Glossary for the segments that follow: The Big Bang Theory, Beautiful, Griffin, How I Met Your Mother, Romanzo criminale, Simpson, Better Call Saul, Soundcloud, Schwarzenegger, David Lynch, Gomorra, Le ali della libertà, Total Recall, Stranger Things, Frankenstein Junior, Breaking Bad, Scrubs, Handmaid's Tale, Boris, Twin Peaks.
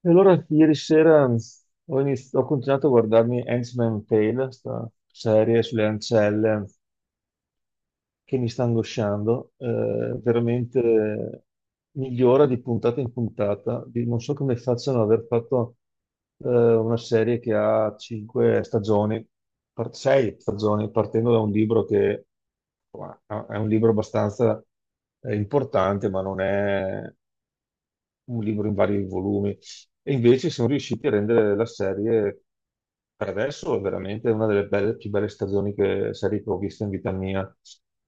E allora ieri sera ho continuato a guardarmi Handmaid's Tale, questa serie sulle ancelle che mi sta angosciando, veramente migliora di puntata in puntata. Non so come facciano ad aver fatto una serie che ha cinque stagioni, sei stagioni, partendo da un libro che insomma, è un libro abbastanza importante, ma non è un libro in vari volumi, e invece sono riusciti a rendere la serie, per adesso, è veramente una delle più belle stagioni che, serie che ho visto in vita mia.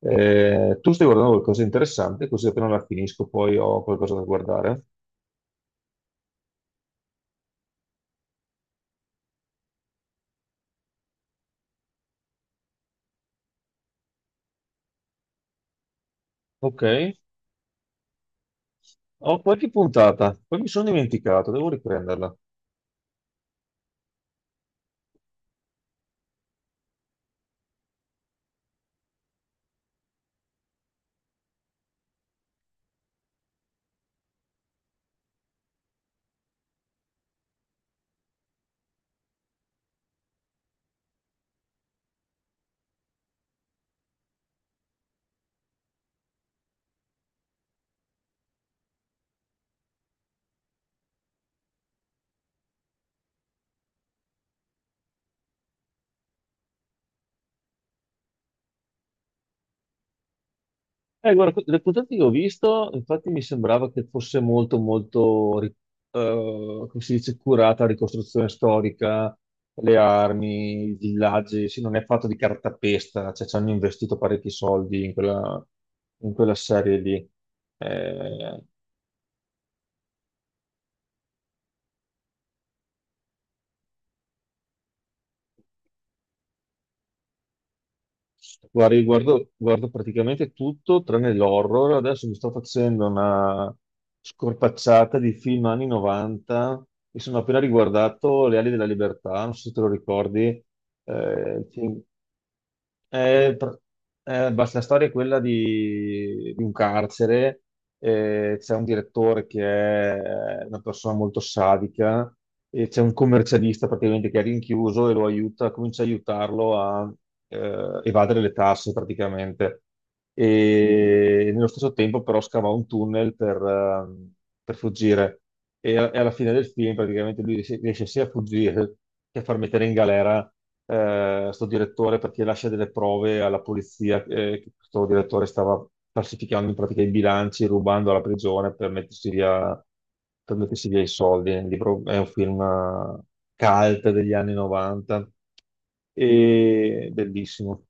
Tu stai guardando qualcosa di interessante, così appena la finisco poi ho qualcosa da guardare. Ok, ho qualche puntata, poi mi sono dimenticato, devo riprenderla. Guarda, le puntate che ho visto, infatti mi sembrava che fosse molto, molto, come si dice, curata la ricostruzione storica, le armi, i villaggi, sì, non è fatto di cartapesta, cioè ci hanno investito parecchi soldi in quella serie lì. Eh, Guarda, io guardo, guardo praticamente tutto tranne l'horror. Adesso mi sto facendo una scorpacciata di film anni 90 e sono appena riguardato Le ali della libertà, non so se te lo ricordi, il film eh, pr- basta, la storia è quella di un carcere, c'è un direttore che è una persona molto sadica e c'è un commercialista praticamente che è rinchiuso e lo aiuta, comincia ad aiutarlo a evadere le tasse praticamente. E nello stesso tempo però scava un tunnel per fuggire e alla fine del film praticamente lui riesce, riesce sia a fuggire che a far mettere in galera sto direttore perché lascia delle prove alla polizia che questo direttore stava falsificando in pratica i bilanci, rubando alla prigione per mettersi via i soldi. Il libro è un film cult degli anni 90 e bellissimo.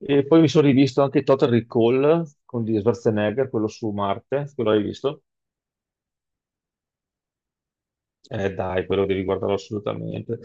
E poi mi sono rivisto anche Total Recall con di Schwarzenegger, quello su Marte, quello l'hai visto? Dai, quello devi guardarlo assolutamente.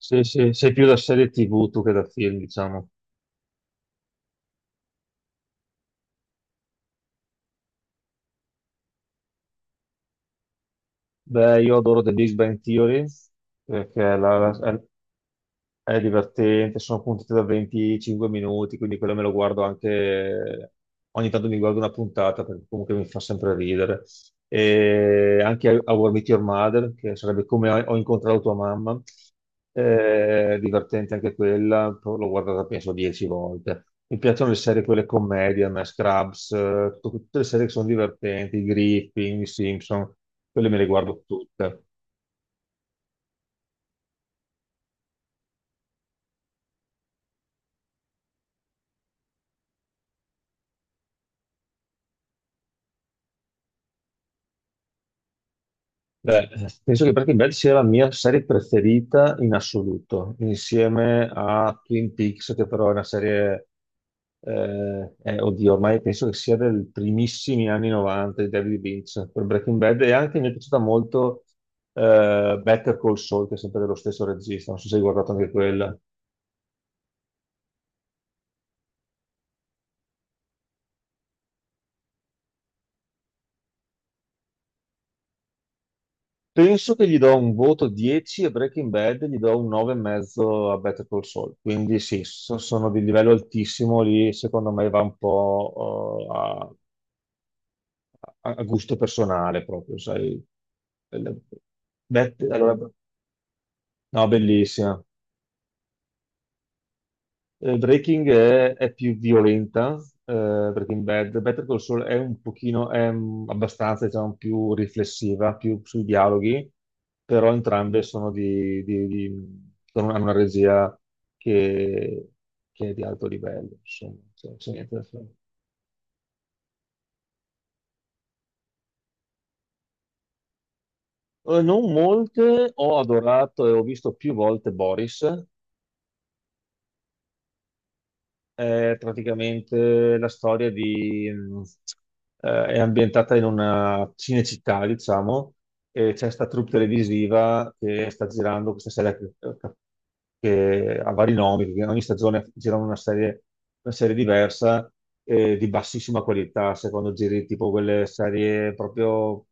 Sei più da serie TV tu che da film, diciamo. Beh, io adoro The Big Bang Theory perché è divertente, sono puntate da 25 minuti, quindi quello me lo guardo anche, ogni tanto mi guardo una puntata perché comunque mi fa sempre ridere. E anche How I Met Your Mother, che sarebbe come ho incontrato tua mamma, è divertente anche quella, però l'ho guardata penso 10 volte. Mi piacciono le serie, quelle commedie, a me, Scrubs, tutte le serie che sono divertenti, Griffin, Simpson, quelle me le guardo tutte. Beh, penso che Breaking Bad sia la mia serie preferita in assoluto, insieme a Twin Peaks, che però è una serie, oddio, ormai penso che sia del primissimi anni 90 di David Lynch per Breaking Bad e anche mi è piaciuta molto Better Call Saul, che è sempre dello stesso regista, non so se hai guardato anche quella. Penso che gli do un voto 10 a Breaking Bad, gli do un 9,5 a Better Call Saul. Quindi sì, sono di livello altissimo lì, secondo me va un po' a gusto personale proprio, sai. Belle- Bet- allora, no, bellissima. Breaking è più violenta, eh, Breaking Bad. Better Call Saul è un pochino, è abbastanza, diciamo, più riflessiva, più sui dialoghi, però entrambe sono hanno una regia che, che è di alto livello, insomma. Cioè, c'è niente da fare. Non molte, ho adorato e ho visto più volte Boris. È praticamente la storia di... è ambientata in una cinecittà, diciamo, e c'è sta troupe televisiva che sta girando questa serie che ha vari nomi, perché ogni stagione girano una serie diversa di bassissima qualità, se quando giri tipo quelle serie proprio...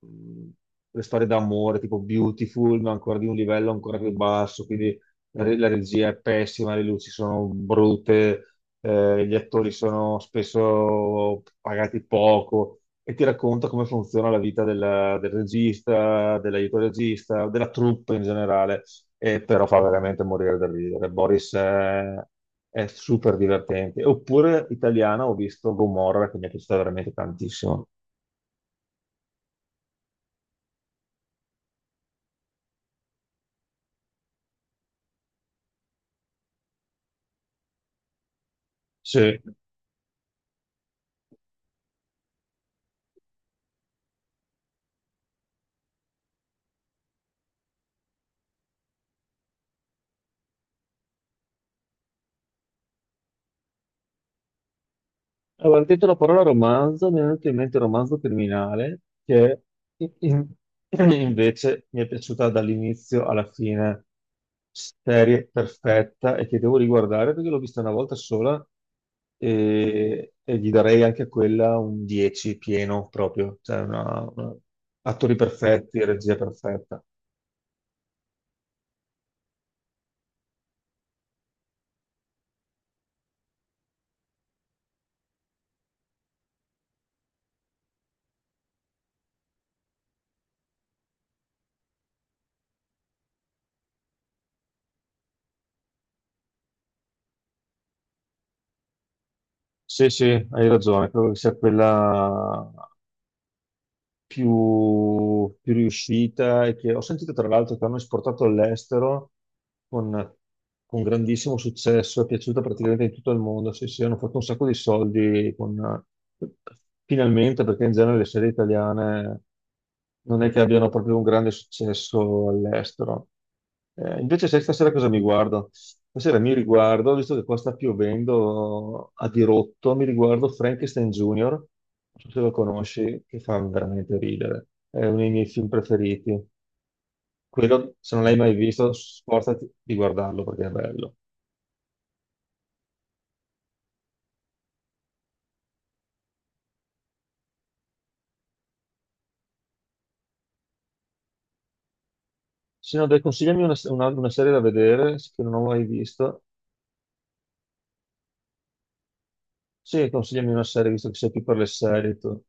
mh, le storie d'amore tipo Beautiful, ma ancora di un livello ancora più basso, quindi la regia è pessima, le luci sono brutte, gli attori sono spesso pagati poco e ti racconta come funziona la vita del regista, dell'aiuto regista, della troupe in generale, e però fa veramente morire da ridere. Boris è super divertente. Oppure italiana, ho visto Gomorra che mi è piaciuta veramente tantissimo. Sì. Allora, hai detto la parola romanzo, mi è venuto in mente il romanzo criminale, che in- in- invece mi è piaciuta dall'inizio alla fine, serie perfetta e che devo riguardare perché l'ho vista una volta sola e gli darei anche a quella un 10 pieno proprio, cioè attori perfetti, regia perfetta. Sì, sì, hai ragione, credo che sia quella più, più riuscita e che ho sentito tra l'altro che hanno esportato all'estero con, con grandissimo successo, è piaciuta praticamente in tutto il mondo, sì, sì, hanno fatto un sacco di soldi finalmente perché in genere le serie italiane non è che abbiano proprio un grande successo all'estero. Invece sai stasera cosa mi guardo? Stasera mi riguardo, visto che qua sta piovendo a dirotto, mi riguardo Frankenstein Junior, non so se lo conosci, che fa veramente ridere. È uno dei miei film preferiti. Quello, se non l'hai mai visto, sforzati di guardarlo perché è bello. Se no, dai, consigliami una serie da vedere che non ho mai visto. Sì, consigliami una serie, visto che sei più per le serie tu.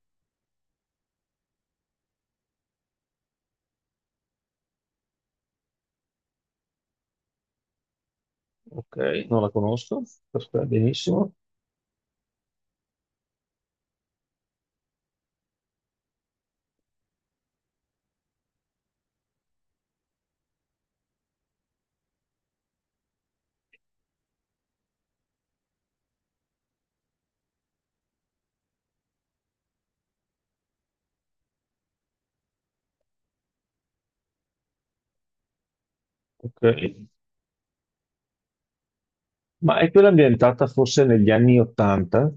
Ok, non la conosco. Perfetto, benissimo. Ok. Ma è quella ambientata forse negli anni Ottanta?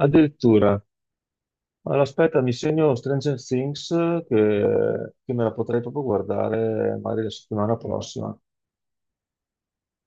Addirittura. Allora, aspetta, mi segno Stranger Things che me la potrei proprio guardare magari la settimana prossima.